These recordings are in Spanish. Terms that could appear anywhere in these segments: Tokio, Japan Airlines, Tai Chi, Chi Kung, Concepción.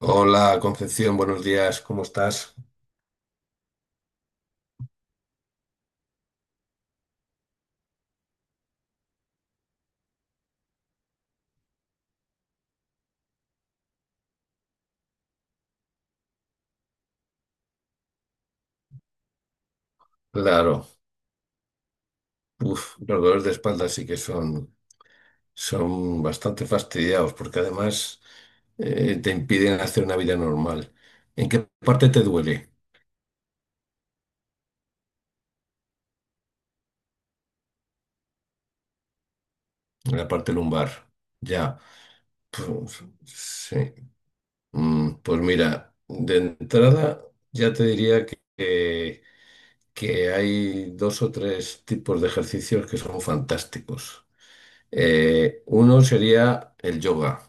Hola Concepción, buenos días, ¿cómo estás? Claro, uf, los dolores de espalda sí que son bastante fastidiados porque además te impiden hacer una vida normal. ¿En qué parte te duele? En la parte lumbar. Ya, pues, sí. Pues mira, de entrada ya te diría que, que hay dos o tres tipos de ejercicios que son fantásticos. Uno sería el yoga.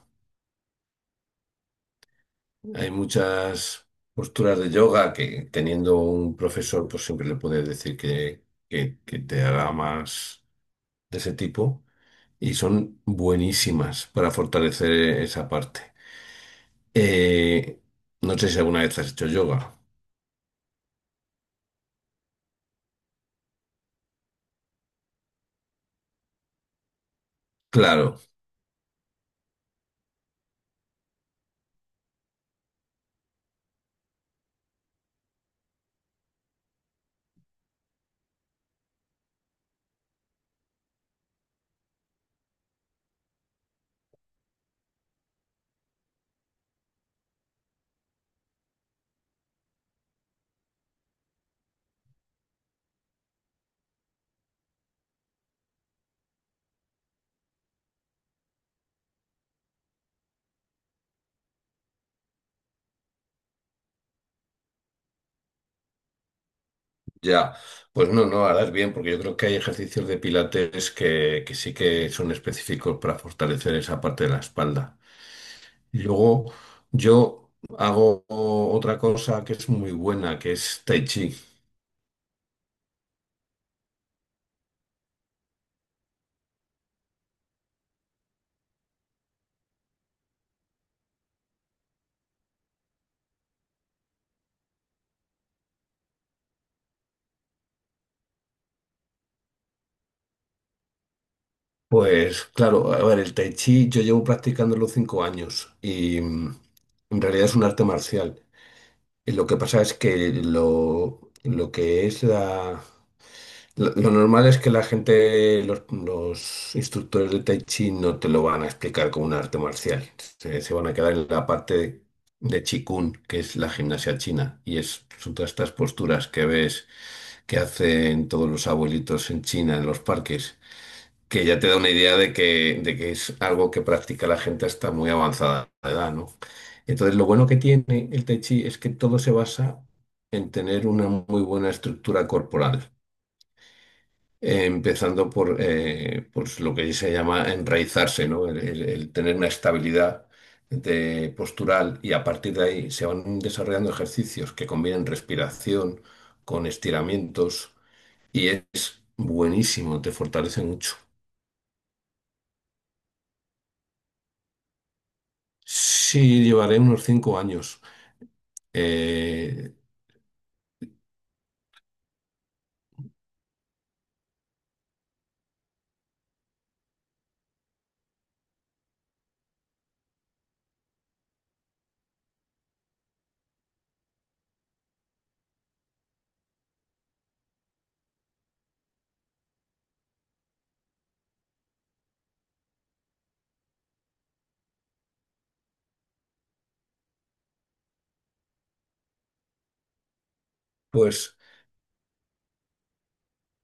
Hay muchas posturas de yoga que teniendo un profesor, pues siempre le puedes decir que, que te haga más de ese tipo. Y son buenísimas para fortalecer esa parte. Eh, no sé si alguna vez has hecho yoga. Claro, ya. Pues no, no, harás bien, porque yo creo que hay ejercicios de pilates que sí que son específicos para fortalecer esa parte de la espalda. Y luego yo hago otra cosa que es muy buena, que es Tai Chi. Pues claro, a ver, el Tai Chi yo llevo practicándolo 5 años y en realidad es un arte marcial. Y lo que pasa es que lo normal es que la gente, los instructores de Tai Chi no te lo van a explicar como un arte marcial. Se van a quedar en la parte de Chi Kung, que es la gimnasia china. Y son todas estas posturas que ves que hacen todos los abuelitos en China, en los parques, que ya te da una idea de que es algo que practica la gente hasta muy avanzada edad, ¿no? Entonces, lo bueno que tiene el Tai Chi es que todo se basa en tener una muy buena estructura corporal, empezando por pues lo que se llama enraizarse, ¿no? El tener una estabilidad de postural y a partir de ahí se van desarrollando ejercicios que combinan respiración con estiramientos y es buenísimo, te fortalece mucho. Sí, llevaré unos 5 años. Eh, pues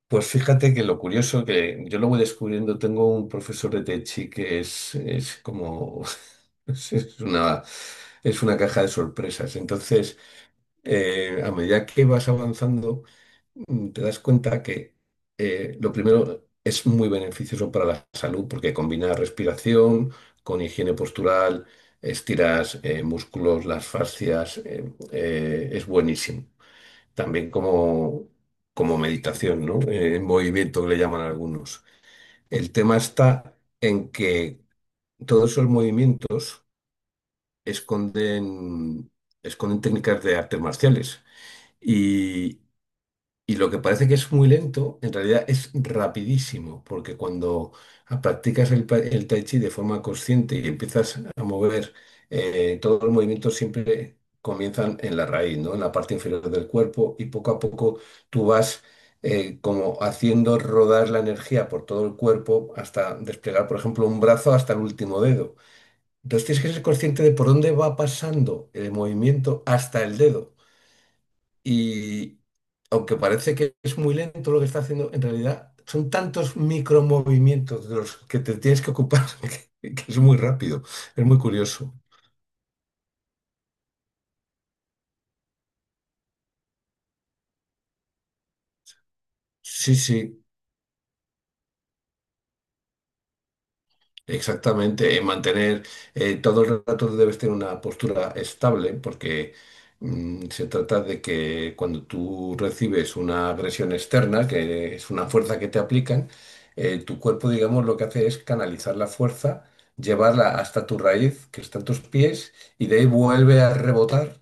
Pues fíjate que lo curioso que yo lo voy descubriendo, tengo un profesor de Tai Chi que es como, es es una, es una caja de sorpresas. Entonces, a medida que vas avanzando, te das cuenta que lo primero es muy beneficioso para la salud porque combina respiración con higiene postural, estiras músculos, las fascias, es buenísimo también como, como meditación, ¿no? En movimiento que le llaman algunos. El tema está en que todos esos movimientos esconden, esconden técnicas de artes marciales. Y lo que parece que es muy lento, en realidad es rapidísimo, porque cuando practicas el tai chi de forma consciente y empiezas a mover, todos los movimientos siempre comienzan en la raíz, ¿no? En la parte inferior del cuerpo y poco a poco tú vas, como haciendo rodar la energía por todo el cuerpo hasta desplegar, por ejemplo, un brazo hasta el último dedo. Entonces tienes que ser consciente de por dónde va pasando el movimiento hasta el dedo. Y aunque parece que es muy lento lo que está haciendo, en realidad son tantos micromovimientos de los que te tienes que ocupar que es muy rápido, es muy curioso. Sí, sí. Exactamente, mantener, todo el rato debes tener una postura estable porque, se trata de que cuando tú recibes una agresión externa, que es una fuerza que te aplican, tu cuerpo, digamos, lo que hace es canalizar la fuerza, llevarla hasta tu raíz, que está en tus pies, y de ahí vuelve a rebotar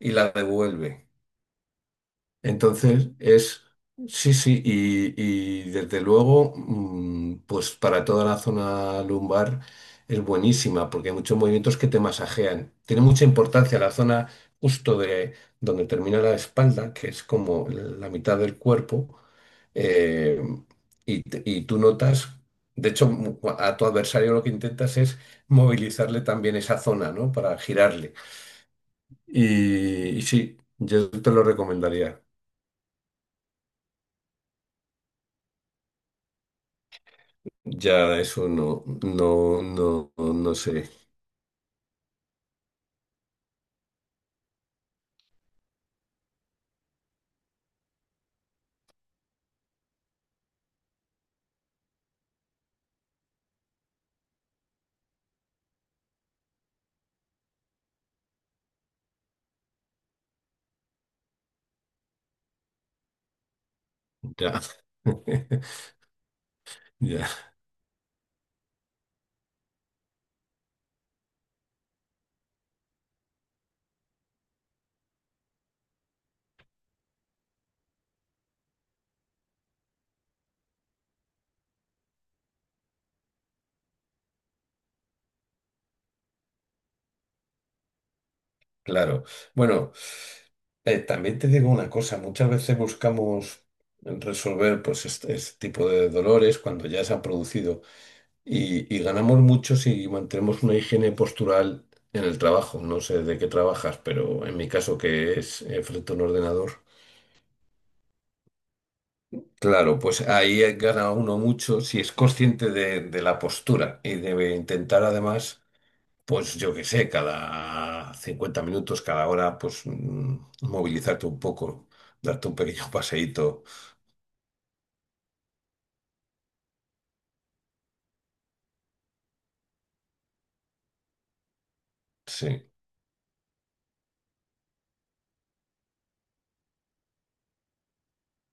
y la devuelve. Entonces es, sí, sí, y desde luego, pues para toda la zona lumbar es buenísima, porque hay muchos movimientos que te masajean. Tiene mucha importancia la zona justo de donde termina la espalda, que es como la mitad del cuerpo, eh, y, y tú notas, de hecho, a tu adversario lo que intentas es movilizarle también esa zona, ¿no? Para girarle. Y sí, yo te lo recomendaría. Ya, eso no, no, no, no sé. Ya, ya, claro. Bueno, también te digo una cosa, muchas veces buscamos resolver pues este tipo de dolores cuando ya se han producido y ganamos mucho si mantenemos una higiene postural en el trabajo. No sé de qué trabajas, pero en mi caso que es, frente a un ordenador. Claro, pues ahí gana uno mucho si es consciente de la postura y debe intentar además pues yo qué sé, cada 50 minutos, cada hora, pues, movilizarte un poco, darte un pequeño paseíto. Sí,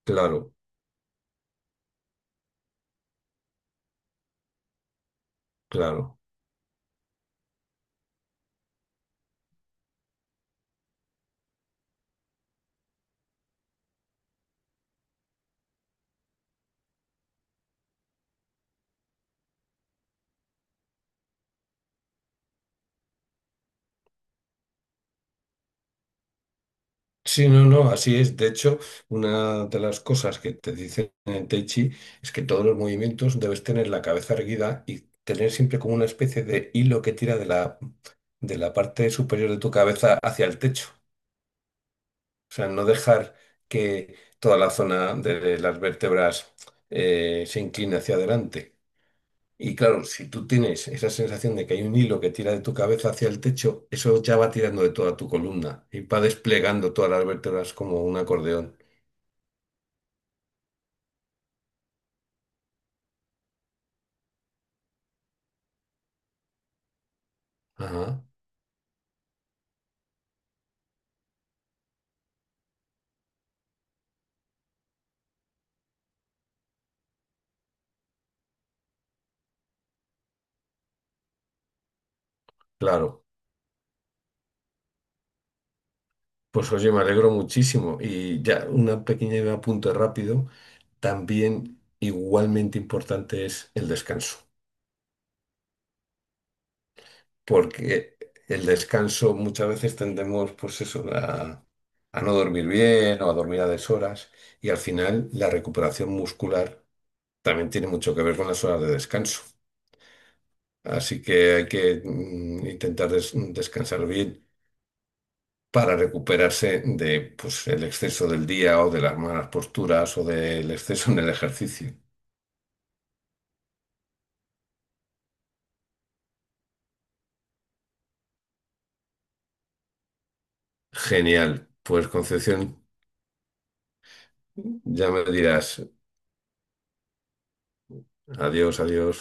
claro, claro. Sí, no, no, así es. De hecho, una de las cosas que te dicen en Tai Chi es que todos los movimientos debes tener la cabeza erguida y tener siempre como una especie de hilo que tira de la parte superior de tu cabeza hacia el techo. O sea, no dejar que toda la zona de las vértebras, se incline hacia adelante. Y claro, si tú tienes esa sensación de que hay un hilo que tira de tu cabeza hacia el techo, eso ya va tirando de toda tu columna y va desplegando todas las vértebras como un acordeón. Ajá, claro. Pues oye, me alegro muchísimo. Y ya una pequeña apunte rápido. También igualmente importante es el descanso, porque el descanso muchas veces tendemos, pues eso, a no dormir bien o a dormir a deshoras y al final la recuperación muscular también tiene mucho que ver con las horas de descanso. Así que hay que, intentar descansar bien para recuperarse de, pues, el exceso del día o de las malas posturas o del exceso en el ejercicio. Genial. Pues Concepción, ya me dirás. Adiós, adiós.